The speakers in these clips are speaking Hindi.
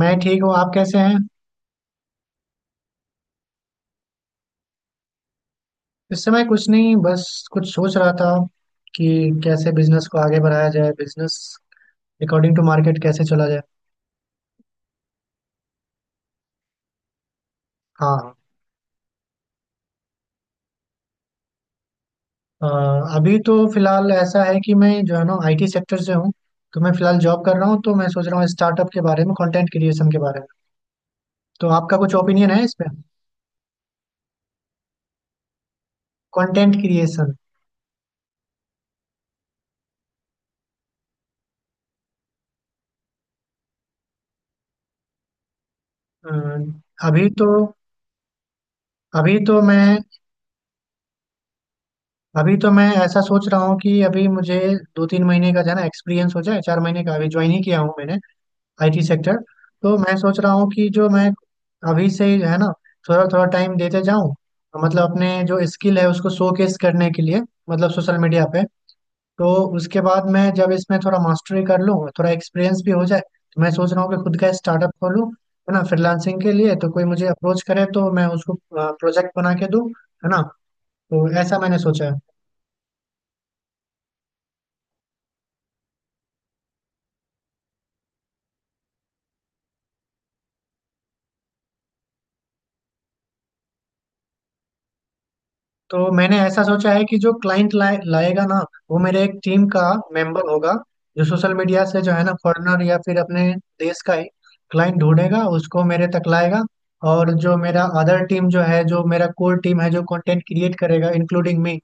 मैं ठीक हूँ। आप कैसे हैं? इस समय कुछ नहीं, बस कुछ सोच रहा था कि कैसे बिजनेस को आगे बढ़ाया जाए, बिजनेस अकॉर्डिंग टू मार्केट कैसे चला जाए। हाँ। अ, अभी तो फिलहाल ऐसा है कि मैं जो है ना आईटी सेक्टर से हूँ। तो मैं फिलहाल जॉब कर रहा हूँ, तो मैं सोच रहा हूँ स्टार्टअप के बारे में, कंटेंट क्रिएशन के बारे में। तो आपका कुछ ओपिनियन है इस पे? Content creation. अभी तो अभी तो मैं अभी तो मैं ऐसा सोच रहा हूँ कि अभी मुझे 2-3 महीने का जो है ना एक्सपीरियंस हो जाए, 4 महीने का अभी ज्वाइन ही किया हूँ मैंने, आईटी सेक्टर। तो मैं सोच रहा हूँ कि जो मैं अभी से ही जो है ना थोड़ा थोड़ा टाइम देते जाऊँ, मतलब अपने जो स्किल है उसको शोकेस करने के लिए, मतलब सोशल मीडिया पे। तो उसके बाद मैं जब इसमें थोड़ा मास्टरी कर लूँ, थोड़ा एक्सपीरियंस भी हो जाए, तो मैं सोच रहा हूँ कि खुद का स्टार्टअप खोलूँ, है ना। फ्रीलांसिंग के लिए तो कोई मुझे अप्रोच करे तो मैं उसको प्रोजेक्ट बना के दूँ, है ना। तो ऐसा मैंने सोचा है। तो मैंने ऐसा सोचा है कि जो क्लाइंट लाएगा ना, वो मेरे एक टीम का मेंबर होगा, जो सोशल मीडिया से जो है ना फॉरेनर या फिर अपने देश का ही क्लाइंट ढूंढेगा, उसको मेरे तक लाएगा। और जो मेरा अदर टीम जो है, जो मेरा कोर टीम है, जो कंटेंट क्रिएट करेगा, इंक्लूडिंग मी।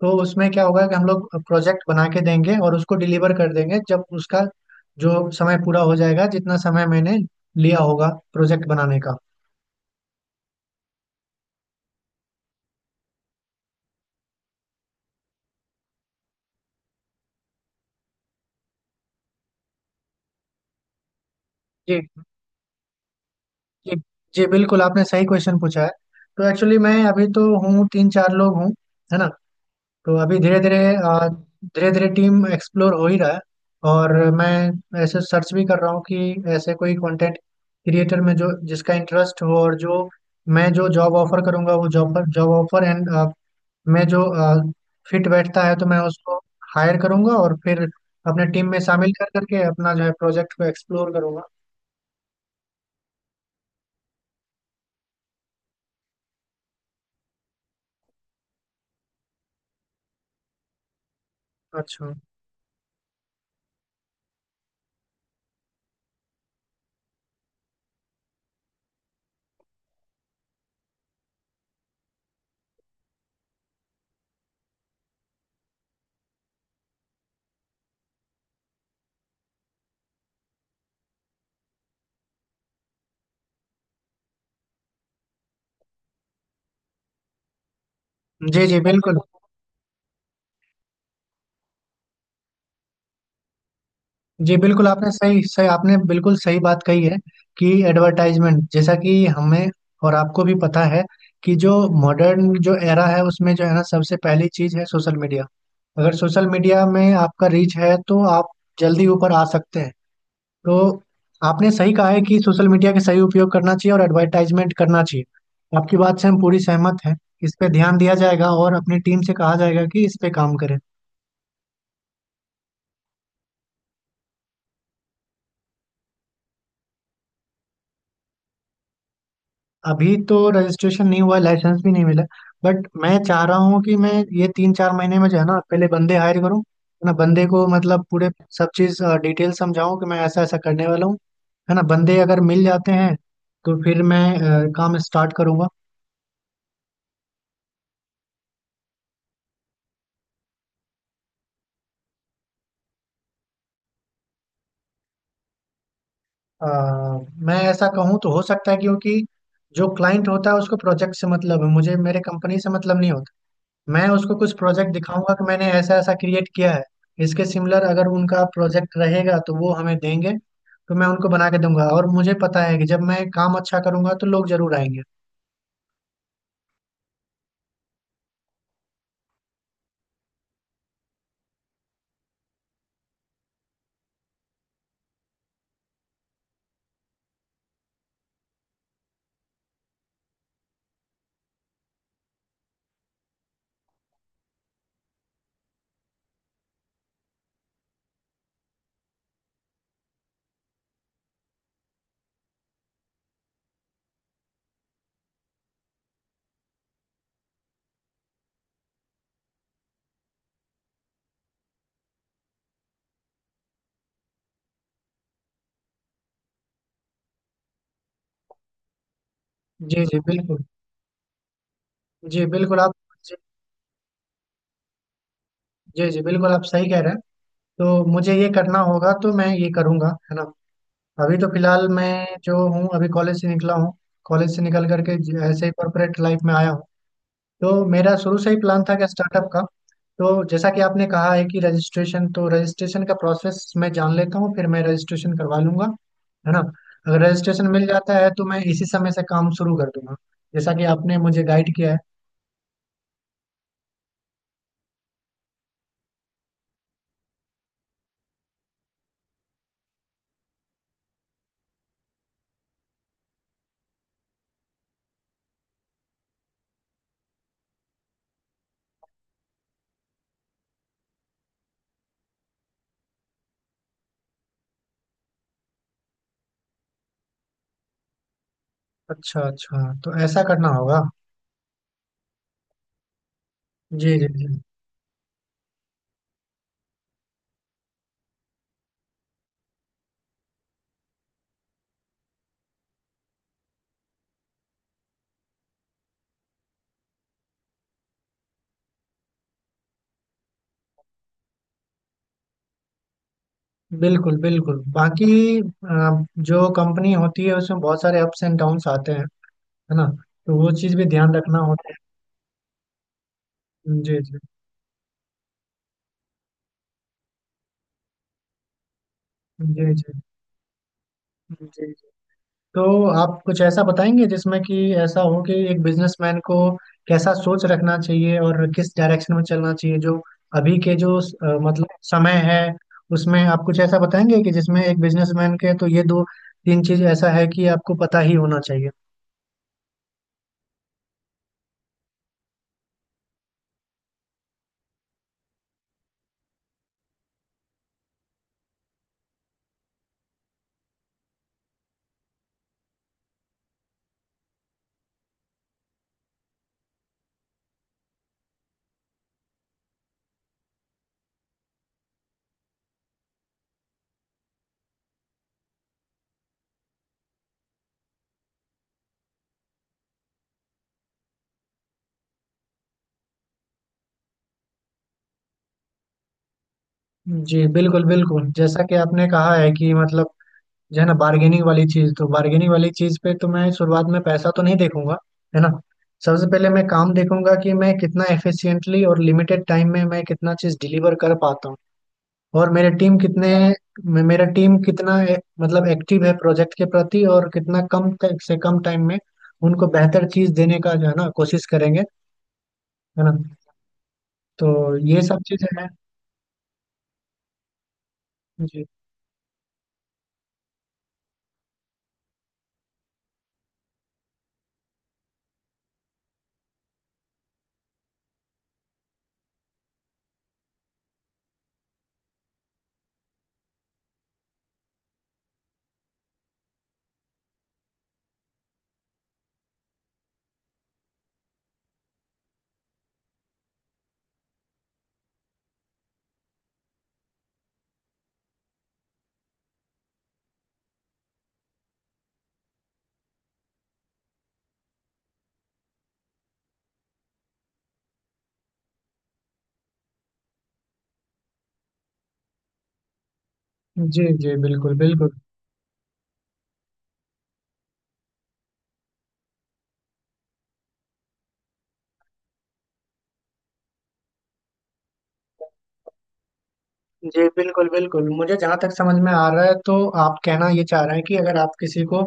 तो उसमें क्या होगा कि हम लोग प्रोजेक्ट बना के देंगे और उसको डिलीवर कर देंगे जब उसका जो समय पूरा हो जाएगा, जितना समय मैंने लिया होगा प्रोजेक्ट बनाने का। जी, जी। जी, बिल्कुल, आपने सही क्वेश्चन पूछा है। तो एक्चुअली मैं अभी तो हूँ, 3-4 लोग हूँ, है ना। तो अभी धीरे धीरे टीम एक्सप्लोर हो ही रहा है। और मैं ऐसे सर्च भी कर रहा हूँ कि ऐसे कोई कंटेंट क्रिएटर में जो जिसका इंटरेस्ट हो, और जो मैं जो जॉब ऑफर करूँगा वो जॉब पर जॉब ऑफर एंड मैं जो फिट बैठता है तो मैं उसको हायर करूँगा और फिर अपने टीम में शामिल कर करके अपना जो है प्रोजेक्ट को एक्सप्लोर करूँगा। अच्छा। जी, जी, बिल्कुल। जी, बिल्कुल, आपने बिल्कुल सही बात कही है, कि एडवर्टाइजमेंट जैसा कि हमें और आपको भी पता है, कि जो मॉडर्न जो एरा है उसमें जो है ना सबसे पहली चीज है सोशल मीडिया। अगर सोशल मीडिया में आपका रीच है तो आप जल्दी ऊपर आ सकते हैं। तो आपने सही कहा है कि सोशल मीडिया का सही उपयोग करना चाहिए और एडवर्टाइजमेंट करना चाहिए। आपकी बात से हम पूरी सहमत हैं। इस पे ध्यान दिया जाएगा और अपनी टीम से कहा जाएगा कि इस पे काम करें। अभी तो रजिस्ट्रेशन नहीं हुआ है, लाइसेंस भी नहीं मिला। बट मैं चाह रहा हूँ कि मैं ये 3-4 महीने में जो है ना पहले बंदे हायर करूँ, है ना। बंदे को मतलब पूरे सब चीज़ डिटेल समझाऊँ कि मैं ऐसा ऐसा करने वाला हूँ, है ना। बंदे अगर मिल जाते हैं तो फिर मैं काम स्टार्ट करूँगा। अ, मैं ऐसा कहूँ तो हो सकता है, क्योंकि जो क्लाइंट होता है उसको प्रोजेक्ट से मतलब है, मुझे मेरे कंपनी से मतलब नहीं होता। मैं उसको कुछ प्रोजेक्ट दिखाऊंगा कि मैंने ऐसा ऐसा क्रिएट किया है। इसके सिमिलर अगर उनका प्रोजेक्ट रहेगा तो वो हमें देंगे। तो मैं उनको बना के दूंगा, और मुझे पता है कि जब मैं काम अच्छा करूंगा तो लोग जरूर आएंगे। जी, जी, बिल्कुल। जी, बिल्कुल। आप जी, जी, जी, बिल्कुल, आप सही कह रहे हैं। तो मुझे ये करना होगा, तो मैं ये करूंगा, है ना। अभी तो फिलहाल मैं जो हूँ, अभी कॉलेज से निकला हूँ। कॉलेज से निकल करके ऐसे ही कॉर्पोरेट लाइफ में आया हूँ। तो मेरा शुरू से ही प्लान था कि स्टार्टअप का। तो जैसा कि आपने कहा है कि रजिस्ट्रेशन का प्रोसेस मैं जान लेता हूँ, फिर मैं रजिस्ट्रेशन करवा लूंगा, है ना। अगर रजिस्ट्रेशन मिल जाता है तो मैं इसी समय से काम शुरू कर दूंगा, जैसा कि आपने मुझे गाइड किया है। अच्छा, अच्छा, तो ऐसा करना होगा। जी, जी, जी, बिल्कुल, बिल्कुल। बाकी जो कंपनी होती है उसमें बहुत सारे अप्स एंड डाउन्स आते हैं, है ना। तो वो चीज़ भी ध्यान रखना होता है। जी, जी, जी, जी, जी, जी। तो आप कुछ ऐसा बताएंगे जिसमें कि ऐसा हो कि एक बिजनेसमैन को कैसा सोच रखना चाहिए और किस डायरेक्शन में चलना चाहिए, जो अभी के जो मतलब समय है, उसमें आप कुछ ऐसा बताएंगे कि जिसमें एक बिजनेसमैन के, तो ये 2-3 चीज ऐसा है कि आपको पता ही होना चाहिए। जी, बिल्कुल, बिल्कुल, जैसा कि आपने कहा है कि मतलब जो है ना बार्गेनिंग वाली चीज, तो बार्गेनिंग वाली चीज पे तो मैं शुरुआत में पैसा तो नहीं देखूंगा, है ना। सबसे पहले मैं काम देखूंगा कि मैं कितना एफिशिएंटली और लिमिटेड टाइम में मैं कितना चीज डिलीवर कर पाता हूँ। और मेरे टीम कितने मेरा टीम कितना मतलब एक्टिव है प्रोजेक्ट के प्रति, और कितना कम से कम टाइम में उनको बेहतर चीज देने का जो है ना कोशिश करेंगे, है ना। तो ये सब चीजें हैं। जी, जी, जी, बिल्कुल, बिल्कुल। जी, बिल्कुल, बिल्कुल, मुझे जहाँ तक समझ में आ रहा है तो आप कहना ये चाह रहे हैं कि अगर आप किसी को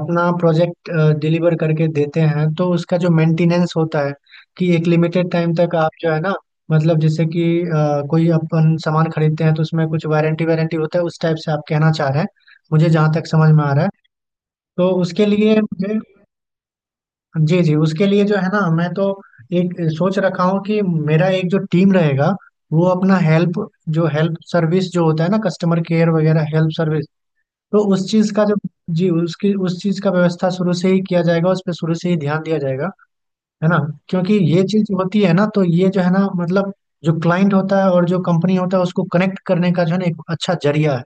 अपना प्रोजेक्ट डिलीवर करके देते हैं तो उसका जो मेंटेनेंस होता है, कि एक लिमिटेड टाइम तक आप जो है ना मतलब, जैसे कि कोई अपन सामान खरीदते हैं तो उसमें कुछ वारंटी वारंटी होता है, उस टाइप से आप कहना चाह रहे हैं, मुझे जहाँ तक समझ में आ रहा है। तो उसके लिए मुझे, जी, जी, उसके लिए जो है ना मैं तो एक सोच रखा हूँ कि मेरा एक जो टीम रहेगा, वो अपना हेल्प, जो हेल्प सर्विस जो होता है ना, कस्टमर केयर वगैरह हेल्प सर्विस, तो उस चीज का जो, जी, उसकी उस चीज का व्यवस्था शुरू से ही किया जाएगा, उस पर शुरू से ही ध्यान दिया जाएगा, है ना। क्योंकि ये चीज होती है ना तो ये जो है ना मतलब, जो क्लाइंट होता है और जो कंपनी होता है उसको कनेक्ट करने का जो है ना एक अच्छा जरिया है।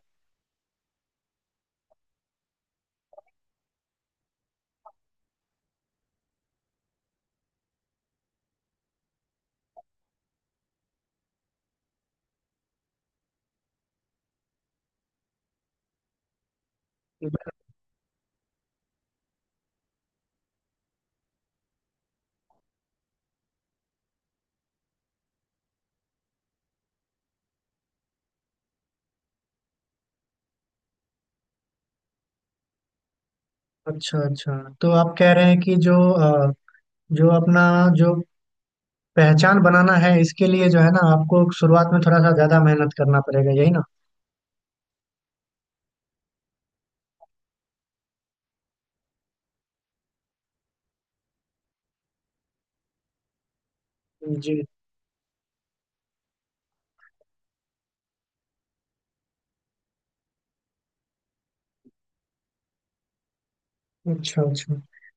अच्छा, अच्छा, तो आप कह रहे हैं कि जो जो अपना, जो पहचान बनाना है, इसके लिए जो है ना आपको शुरुआत में थोड़ा सा ज्यादा मेहनत करना पड़ेगा, यही ना। जी। अच्छा, अच्छा।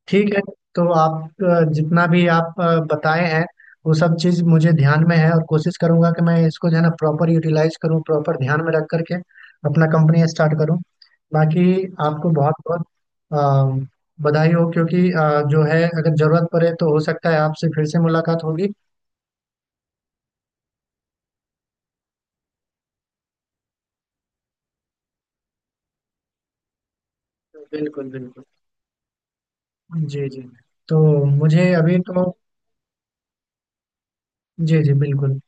ठीक है। तो आप जितना भी आप बताए हैं, वो सब चीज मुझे ध्यान में है और कोशिश करूंगा कि मैं इसको जो है ना प्रॉपर यूटिलाइज करूँ, प्रॉपर ध्यान में रख करके अपना कंपनी स्टार्ट करूँ। बाकी आपको बहुत बहुत अ, बधाई हो, क्योंकि जो है अगर जरूरत पड़े तो हो सकता है आपसे फिर से मुलाकात होगी। बिल्कुल, बिल्कुल। जी, जी। तो मुझे अभी तो जी, जी, बिल्कुल।